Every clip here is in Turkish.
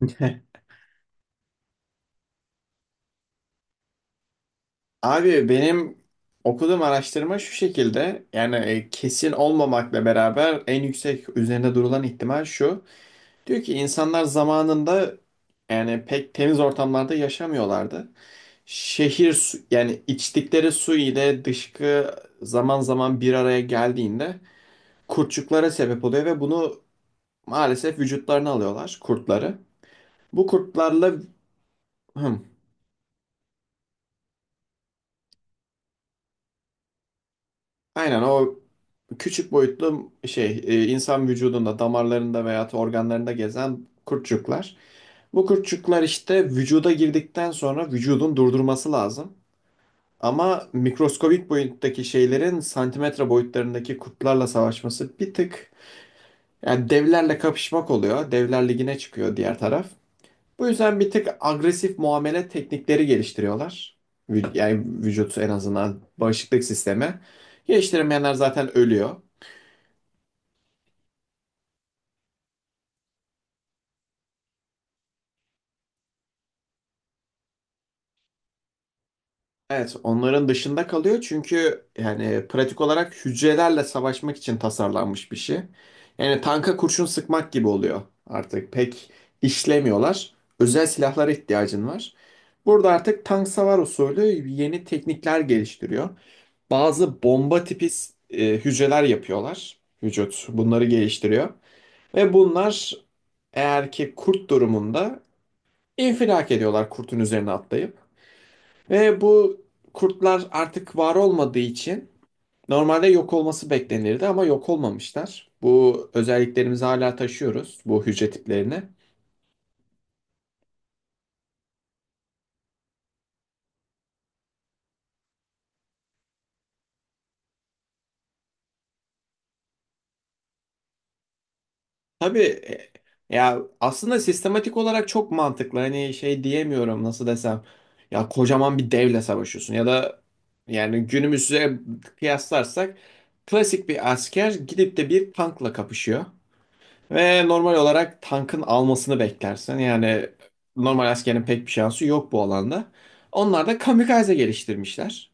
Abi benim okuduğum araştırma şu şekilde kesin olmamakla beraber en yüksek üzerinde durulan ihtimal şu. Diyor ki insanlar zamanında yani pek temiz ortamlarda yaşamıyorlardı. Şehir su, yani içtikleri su ile dışkı zaman zaman bir araya geldiğinde kurtçuklara sebep oluyor ve bunu maalesef vücutlarına alıyorlar kurtları. Bu kurtlarla Hım, aynen o küçük boyutlu insan vücudunda damarlarında veya organlarında gezen kurtçuklar. Bu kurtçuklar işte vücuda girdikten sonra vücudun durdurması lazım. Ama mikroskobik boyuttaki şeylerin santimetre boyutlarındaki kurtlarla savaşması bir tık yani devlerle kapışmak oluyor. Devler ligine çıkıyor diğer taraf. Bu yüzden bir tık agresif muamele teknikleri geliştiriyorlar. Yani vücut en azından bağışıklık sistemi. Geliştiremeyenler zaten ölüyor. Evet, onların dışında kalıyor çünkü yani pratik olarak hücrelerle savaşmak için tasarlanmış bir şey. Yani tanka kurşun sıkmak gibi oluyor artık. Pek işlemiyorlar. Özel silahlara ihtiyacın var. Burada artık tank savar usulü yeni teknikler geliştiriyor. Bazı bomba tipi hücreler yapıyorlar. Vücut bunları geliştiriyor. Ve bunlar eğer ki kurt durumunda infilak ediyorlar kurtun üzerine atlayıp. Ve bu kurtlar artık var olmadığı için normalde yok olması beklenirdi ama yok olmamışlar. Bu özelliklerimizi hala taşıyoruz bu hücre tiplerini. Tabii e, ya aslında sistematik olarak çok mantıklı. Hani şey diyemiyorum nasıl desem. Ya kocaman bir devle savaşıyorsun ya da yani günümüze kıyaslarsak klasik bir asker gidip de bir tankla kapışıyor. Ve normal olarak tankın almasını beklersin. Yani normal askerin pek bir şansı yok bu alanda. Onlar da kamikaze geliştirmişler.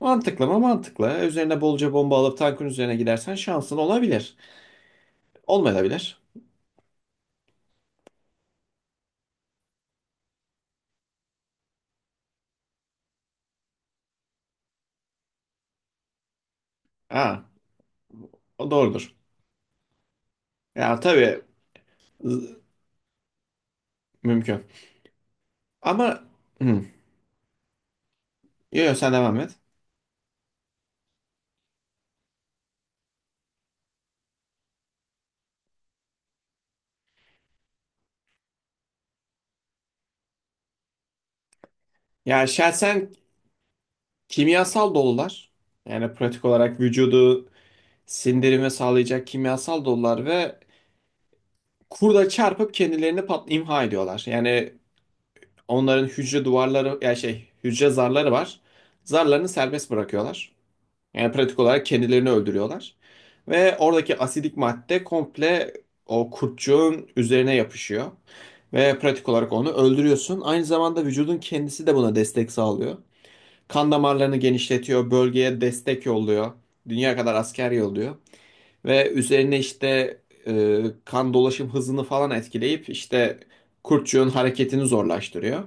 Mantıklı mı? Mantıklı. Üzerine bolca bomba alıp tankın üzerine gidersen şansın olabilir. Olmayabilir. Ha, o doğrudur. Ya tabii z- mümkün. Ama hı, sen devam et. Ya şahsen kimyasal dolular. Yani pratik olarak vücudu sindirime sağlayacak kimyasal dolular ve kurda çarpıp kendilerini pat imha ediyorlar. Yani onların hücre duvarları ya şey hücre zarları var. Zarlarını serbest bırakıyorlar. Yani pratik olarak kendilerini öldürüyorlar. Ve oradaki asidik madde komple o kurtçuğun üzerine yapışıyor. Ve pratik olarak onu öldürüyorsun. Aynı zamanda vücudun kendisi de buna destek sağlıyor. Kan damarlarını genişletiyor, bölgeye destek yolluyor. Dünya kadar asker yolluyor. Ve üzerine işte kan dolaşım hızını falan etkileyip işte kurtçuğun hareketini zorlaştırıyor.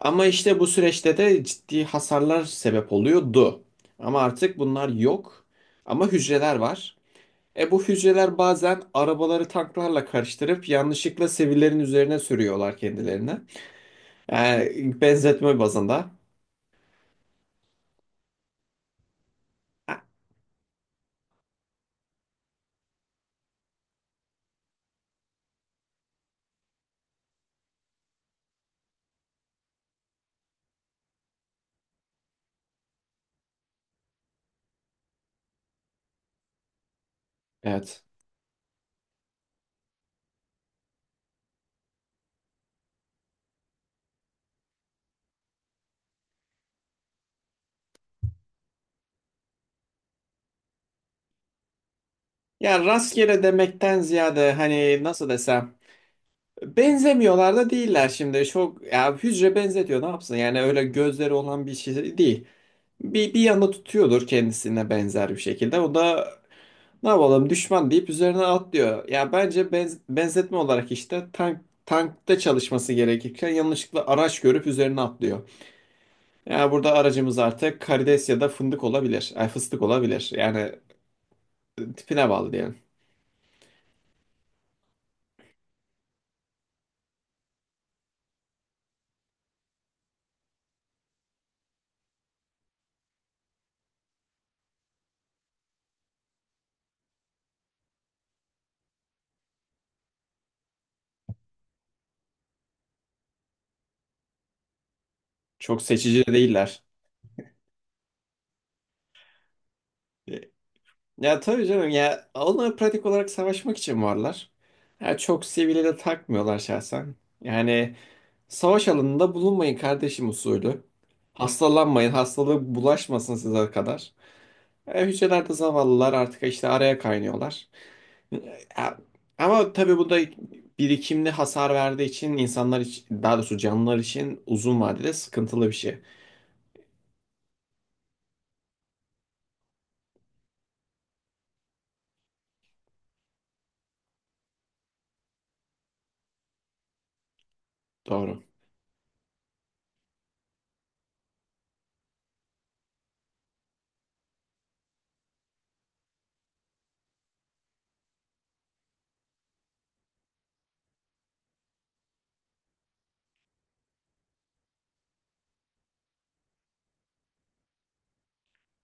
Ama işte bu süreçte de ciddi hasarlar sebep oluyordu. Ama artık bunlar yok. Ama hücreler var. E bu hücreler bazen arabaları tanklarla karıştırıp yanlışlıkla sivillerin üzerine sürüyorlar kendilerine. Yani benzetme bazında. Evet. Ya rastgele demekten ziyade hani nasıl desem. Benzemiyorlar da değiller şimdi. Çok ya hücre benzetiyor ne yapsın? Yani öyle gözleri olan bir şey değil. Bir yana tutuyordur kendisine benzer bir şekilde. O da ne yapalım düşman deyip üzerine atlıyor. Ya bence benzetme olarak işte tank tankta çalışması gerekirken yanlışlıkla araç görüp üzerine atlıyor. Ya burada aracımız artık karides ya da fındık olabilir. Ay fıstık olabilir. Yani tipine bağlı diyelim. Çok seçici değiller. E, ya tabii canım ya onlar pratik olarak savaşmak için varlar. Ya çok sivile de takmıyorlar şahsen. Yani savaş alanında bulunmayın kardeşim usulü. Hastalanmayın, hastalığı bulaşmasın size kadar. E, hücrelerde zavallılar artık işte araya kaynıyorlar. E, ama tabii bu da birikimli hasar verdiği için insanlar için, daha doğrusu canlılar için uzun vadede sıkıntılı bir şey. Doğru.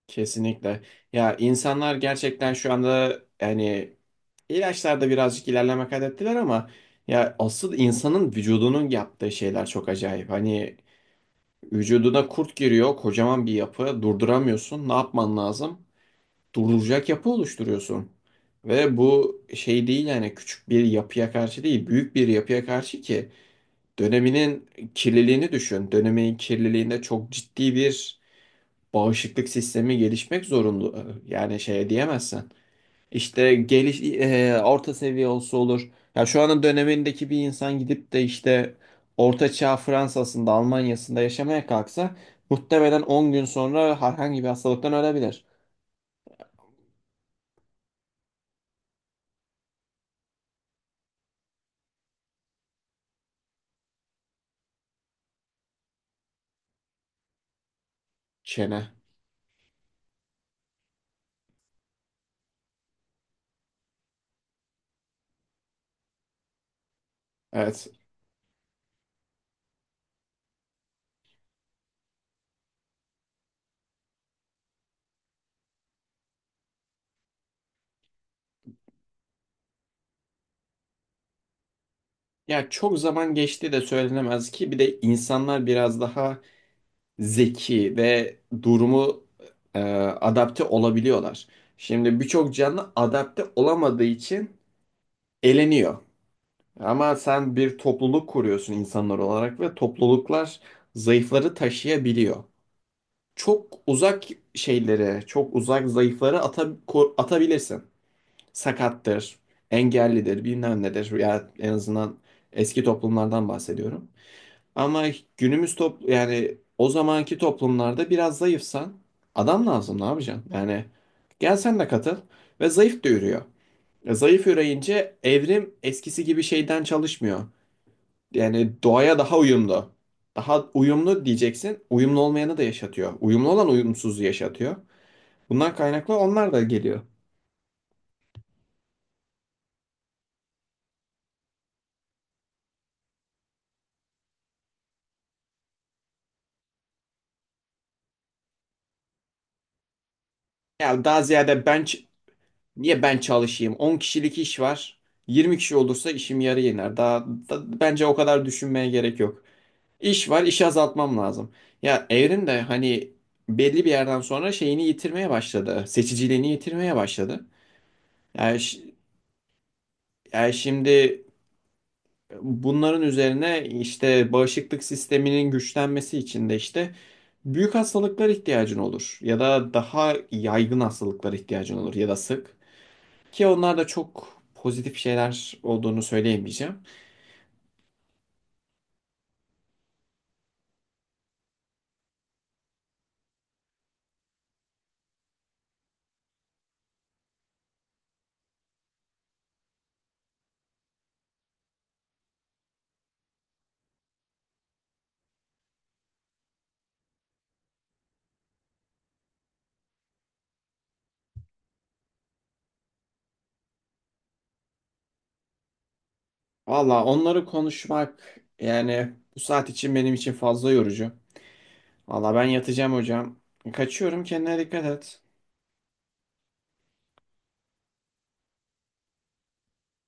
Kesinlikle. Ya insanlar gerçekten şu anda yani ilaçlarda birazcık ilerleme kaydettiler ama ya asıl insanın vücudunun yaptığı şeyler çok acayip. Hani vücuduna kurt giriyor, kocaman bir yapı, durduramıyorsun. Ne yapman lazım? Durduracak yapı oluşturuyorsun. Ve bu şey değil yani küçük bir yapıya karşı değil, büyük bir yapıya karşı ki döneminin kirliliğini düşün. Dönemin kirliliğinde çok ciddi bir bağışıklık sistemi gelişmek zorunda. Yani şey diyemezsen. İşte orta seviye olsa olur. Ya şu anın dönemindeki bir insan gidip de işte Orta Çağ Fransa'sında, Almanya'sında yaşamaya kalksa muhtemelen 10 gün sonra herhangi bir hastalıktan ölebilir. Tamam. Çene. Evet. Ya çok zaman geçti de söylenemez ki bir de insanlar biraz daha zeki ve durumu adapte olabiliyorlar. Şimdi birçok canlı adapte olamadığı için eleniyor. Ama sen bir topluluk kuruyorsun insanlar olarak ve topluluklar zayıfları taşıyabiliyor. Çok uzak şeyleri, çok uzak zayıfları atabilirsin. Sakattır, engellidir, bilmem nedir. Ya en azından eski toplumlardan bahsediyorum. Ama günümüz top yani o zamanki toplumlarda biraz zayıfsan adam lazım ne yapacaksın? Yani gel sen de katıl ve zayıf da yürüyor. E, zayıf yürüyünce evrim eskisi gibi şeyden çalışmıyor. Yani doğaya daha uyumlu. Daha uyumlu diyeceksin. Uyumlu olmayanı da yaşatıyor. Uyumlu olan uyumsuzu yaşatıyor. Bundan kaynaklı onlar da geliyor. Ya daha ziyade niye ben çalışayım? 10 kişilik iş var. 20 kişi olursa işim yarı iner. Bence o kadar düşünmeye gerek yok. İş var, işi azaltmam lazım. Ya evrim de hani belli bir yerden sonra şeyini yitirmeye başladı. Seçiciliğini yitirmeye başladı. Yani, ş- yani şimdi bunların üzerine işte bağışıklık sisteminin güçlenmesi için de işte büyük hastalıklar ihtiyacın olur ya da daha yaygın hastalıklar ihtiyacın olur ya da sık ki onlar da çok pozitif şeyler olduğunu söyleyemeyeceğim. Valla onları konuşmak yani bu saat için benim için fazla yorucu. Valla ben yatacağım hocam. Kaçıyorum, kendine dikkat et.